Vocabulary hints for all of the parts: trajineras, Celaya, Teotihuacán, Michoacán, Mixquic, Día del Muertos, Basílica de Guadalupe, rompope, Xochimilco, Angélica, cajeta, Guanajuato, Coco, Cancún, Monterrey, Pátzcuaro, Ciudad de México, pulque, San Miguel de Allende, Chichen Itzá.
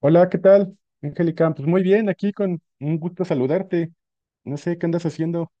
Hola, ¿qué tal, Angélica? Pues muy bien, aquí con un gusto saludarte. No sé qué andas haciendo.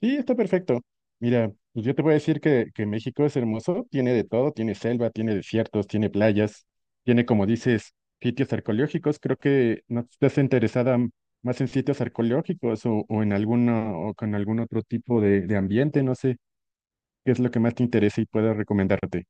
Sí, está perfecto. Mira, pues yo te voy a decir que México es hermoso, tiene de todo, tiene selva, tiene desiertos, tiene playas, tiene, como dices, sitios arqueológicos. Creo que no estás interesada más en sitios arqueológicos o en alguno, o con algún otro tipo de ambiente, no sé qué es lo que más te interesa y puedo recomendarte.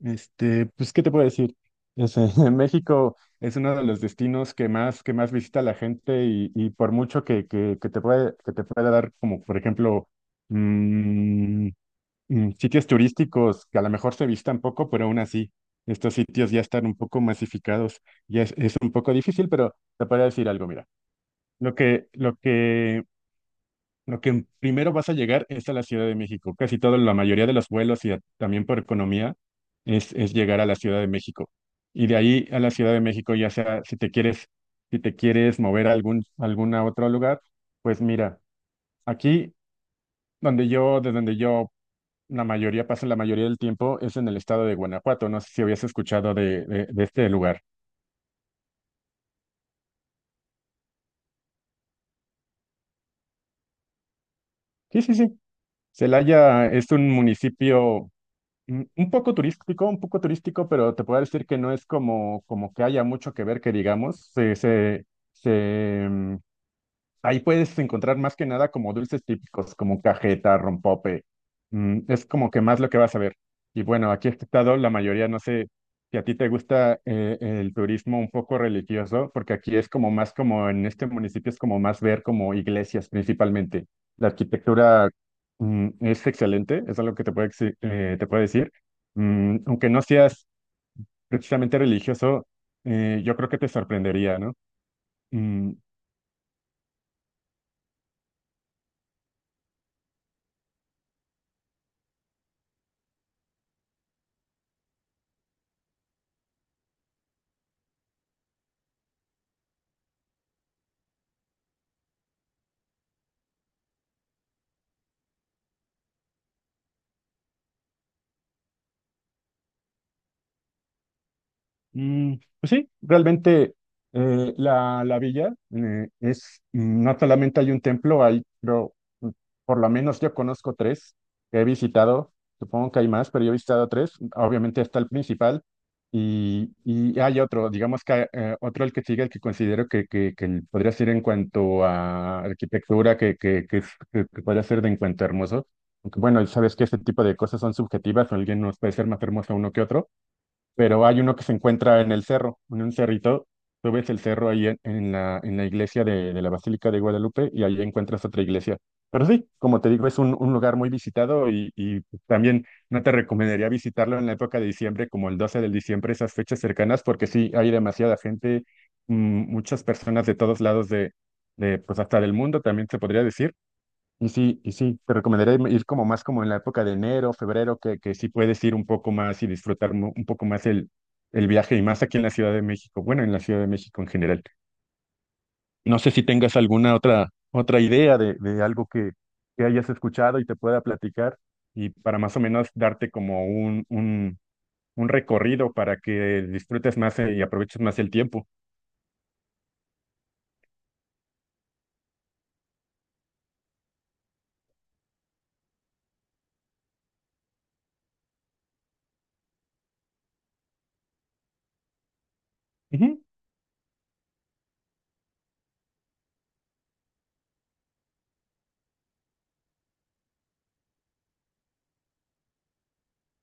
Este, pues, ¿qué te puedo decir? México es uno de los destinos que más visita la gente y por mucho que te pueda dar, como por ejemplo, mm, sitios turísticos que a lo mejor se visitan poco, pero aún así, estos sitios ya están un poco masificados. Ya es un poco difícil, pero te podría decir algo. Mira, Lo que, lo que lo que primero vas a llegar es a la Ciudad de México. Casi toda la mayoría de los vuelos y también por economía es llegar a la Ciudad de México. Y de ahí a la Ciudad de México, ya sea si te quieres mover a algún otro lugar, pues mira, aquí de donde yo la mayoría pasa la mayoría del tiempo es en el estado de Guanajuato. No sé si habías escuchado de este lugar. Sí, sí, sí. Celaya es un municipio. Un poco turístico, un poco turístico, pero te puedo decir que no es como que haya mucho que ver, que digamos. Se, mm, Ahí puedes encontrar más que nada como dulces típicos, como cajeta, rompope. Es como que más lo que vas a ver. Y bueno, aquí en este estado, la mayoría, no sé si a ti te gusta el turismo un poco religioso, porque aquí es como más como en este municipio es como más ver como iglesias principalmente. La arquitectura es excelente, es algo que te puedo decir. Aunque no seas precisamente religioso, yo creo que te sorprendería, ¿no? Mm, Mm, pues sí, realmente la villa no solamente hay un templo, hay, creo, mm, por lo menos yo conozco tres que he visitado, supongo que hay más, pero yo he visitado tres, obviamente está el principal y hay otro, digamos que otro el que sigue, el que considero que podría ser en cuanto a arquitectura, que podría ser de en cuanto a hermoso, aunque bueno, sabes que este tipo de cosas son subjetivas, alguien nos puede ser más hermoso uno que otro pero hay uno que se encuentra en el cerro, en un cerrito. Tú ves el cerro ahí en la iglesia de la Basílica de Guadalupe y ahí encuentras otra iglesia. Pero sí, como te digo, es un lugar muy visitado y también no te recomendaría visitarlo en la época de diciembre, como el 12 de diciembre, esas fechas cercanas, porque sí, hay demasiada gente, muchas personas de todos lados pues hasta del mundo, también se podría decir y sí, te recomendaría ir como más como en la época de enero, febrero, que sí puedes ir un poco más y disfrutar un poco más el viaje y más aquí en la Ciudad de México, bueno, en la Ciudad de México en general. No sé si tengas alguna otra idea de algo que hayas escuchado y te pueda platicar y para más o menos darte como un recorrido para que disfrutes más y aproveches más el tiempo.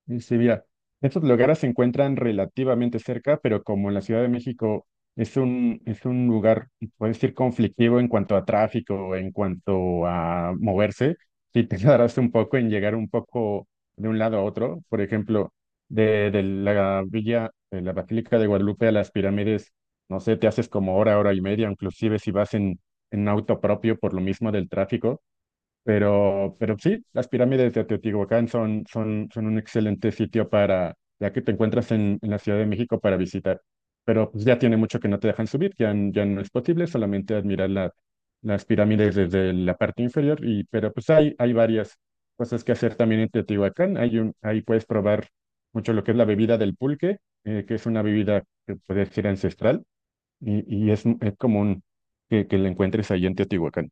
Dice, mira, estos lugares se encuentran relativamente cerca, pero como en la Ciudad de México es un lugar, puede decir, conflictivo en cuanto a tráfico, en cuanto a moverse, si te tardas un poco en llegar un poco de un lado a otro. Por ejemplo, de la villa, de la Basílica de Guadalupe a las pirámides, no sé, te haces como hora, hora y media, inclusive si vas en auto propio por lo mismo del tráfico pero sí, las pirámides de Teotihuacán son un excelente sitio para, ya que te encuentras en la Ciudad de México para visitar. Pero pues, ya tiene mucho que no te dejan subir, ya no es posible, solamente admirar las pirámides desde la parte inferior. Pero pues hay varias cosas que hacer también en Teotihuacán. Ahí puedes probar mucho lo que es la bebida del pulque, que es una bebida que puede ser ancestral y es común que la encuentres ahí en Teotihuacán.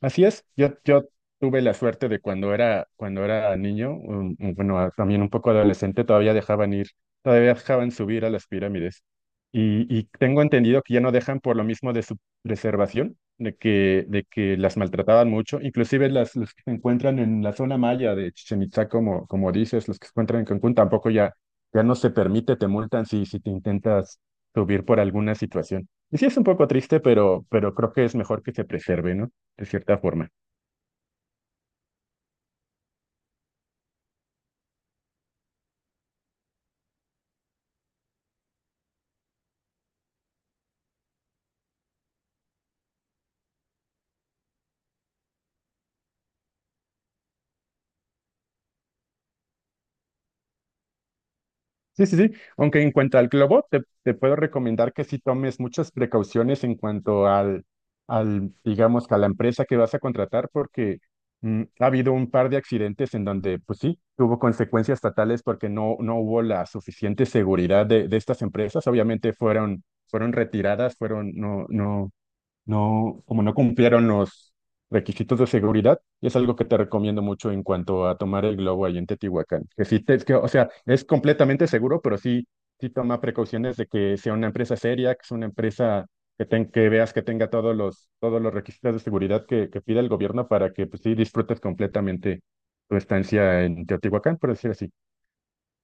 Así es, yo tuve la suerte de cuando era niño, bueno, también un poco adolescente, todavía dejaban subir a las pirámides. Y tengo entendido que ya no dejan por lo mismo de su preservación, de que las maltrataban mucho, inclusive los que se encuentran en la zona maya de Chichen Itzá, como dices, los que se encuentran en Cancún, tampoco ya no se permite, te multan si te intentas subir por alguna situación. Y sí es un poco triste, pero creo que es mejor que se preserve, ¿no?, de cierta forma. Sí, sí, sí. Aunque en cuanto al globo, te puedo recomendar que sí tomes muchas precauciones en cuanto al, digamos, que a la empresa que vas a contratar, porque ha habido un par de accidentes en donde, pues sí, tuvo consecuencias fatales porque no hubo la suficiente seguridad de estas empresas. Obviamente fueron retiradas, no, no, no, como no cumplieron los requisitos de seguridad, y es algo que te recomiendo mucho en cuanto a tomar el globo ahí en Teotihuacán. Que sí, es que, o sea, es completamente seguro, pero sí, sí toma precauciones de que sea una empresa seria, que sea una empresa que veas que tenga todos los requisitos de seguridad que pide el gobierno para que pues, sí disfrutes completamente tu estancia en Teotihuacán, por decir así.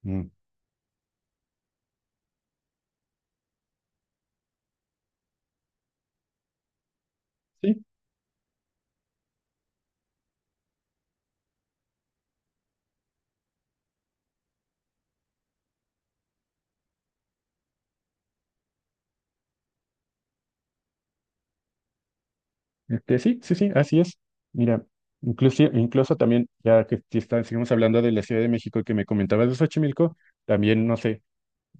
Mm. Sí, sí, sí, sí, así es. Mira, incluso también, ya que si está- seguimos hablando de la Ciudad de México que me comentabas de Xochimilco, también, no sé,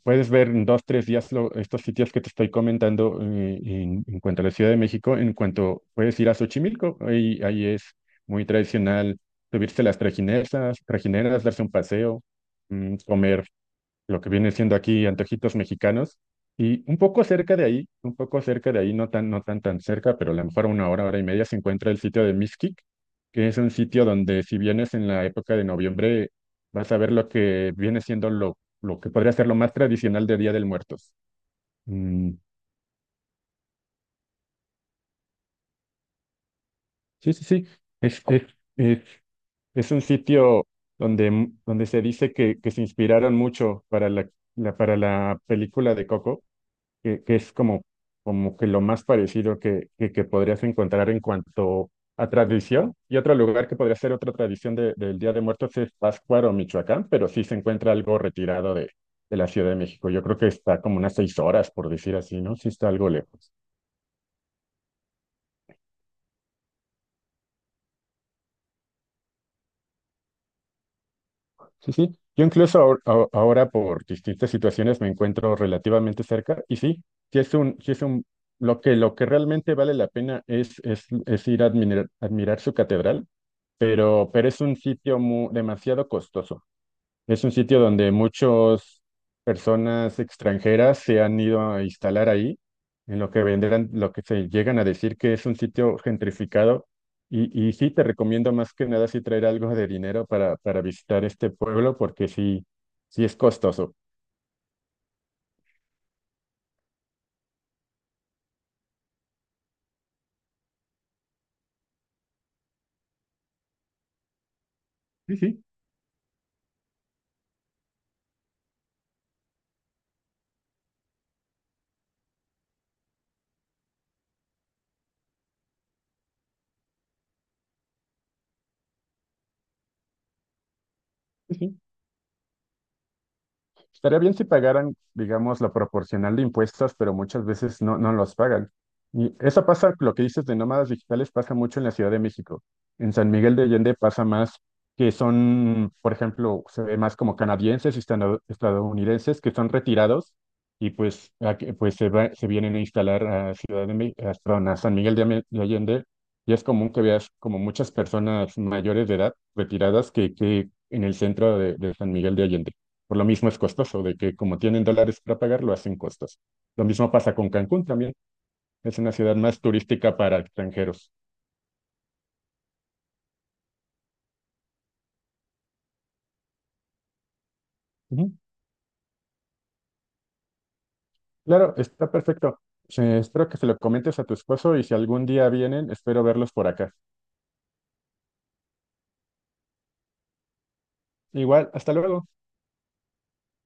puedes ver en dos, tres días estos sitios que te estoy comentando en cuanto a la Ciudad de México, en cuanto puedes ir a Xochimilco, ahí es muy tradicional subirse a las trajineras, darse un paseo, comer lo que viene siendo aquí antojitos mexicanos. Y un poco cerca de ahí, un poco cerca de ahí, no tan, tan cerca, pero a lo mejor a una hora, hora y media, se encuentra el sitio de Mixquic, que es un sitio donde si vienes en la época de noviembre, vas a ver lo que viene siendo lo que podría ser lo más tradicional de Día del Muertos. Mm, sí, sí, sí. Es, es, es, es un sitio donde se dice que se inspiraron mucho para para la película de Coco que es como que lo más parecido que podrías encontrar en cuanto a tradición. Y otro lugar que podría ser otra tradición del Día de Muertos es Pátzcuaro o Michoacán, pero sí se encuentra algo retirado de la Ciudad de México. Yo creo que está como unas 6 horas, por decir así, ¿no? Sí está algo lejos. Sí, sí. Yo incluso ahora por distintas situaciones me encuentro relativamente cerca y sí, sí es un, sí es un, lo que realmente vale la pena es ir a admirar su catedral pero es un sitio demasiado costoso. Es un sitio donde muchas personas extranjeras se han ido a instalar ahí, en lo que vendrán, lo que se llegan a decir que es un sitio gentrificado. Y sí, te recomiendo más que nada sí traer algo de dinero para visitar este pueblo, porque sí, sí es costoso. Sí, sí, sí, sí. Estaría bien si pagaran, digamos, la proporcional de impuestos, pero muchas veces no los pagan. Y eso pasa, lo que dices de nómadas digitales pasa mucho en la Ciudad de México. En San Miguel de Allende pasa más que son, por ejemplo, se ve más como canadienses y estadounidenses que son retirados y pues, se vienen a instalar a Ciudad de México, a San Miguel de Allende. Y es común que veas como muchas personas mayores de edad retiradas que en el centro de San Miguel de Allende. Por lo mismo es costoso, de que como tienen dólares para pagar, lo hacen costos. Lo mismo pasa con Cancún también. Es una ciudad más turística para extranjeros. Ujú. Claro, está perfecto. Espero que se lo comentes a tu esposo y si algún día vienen, espero verlos por acá. Igual, hasta luego.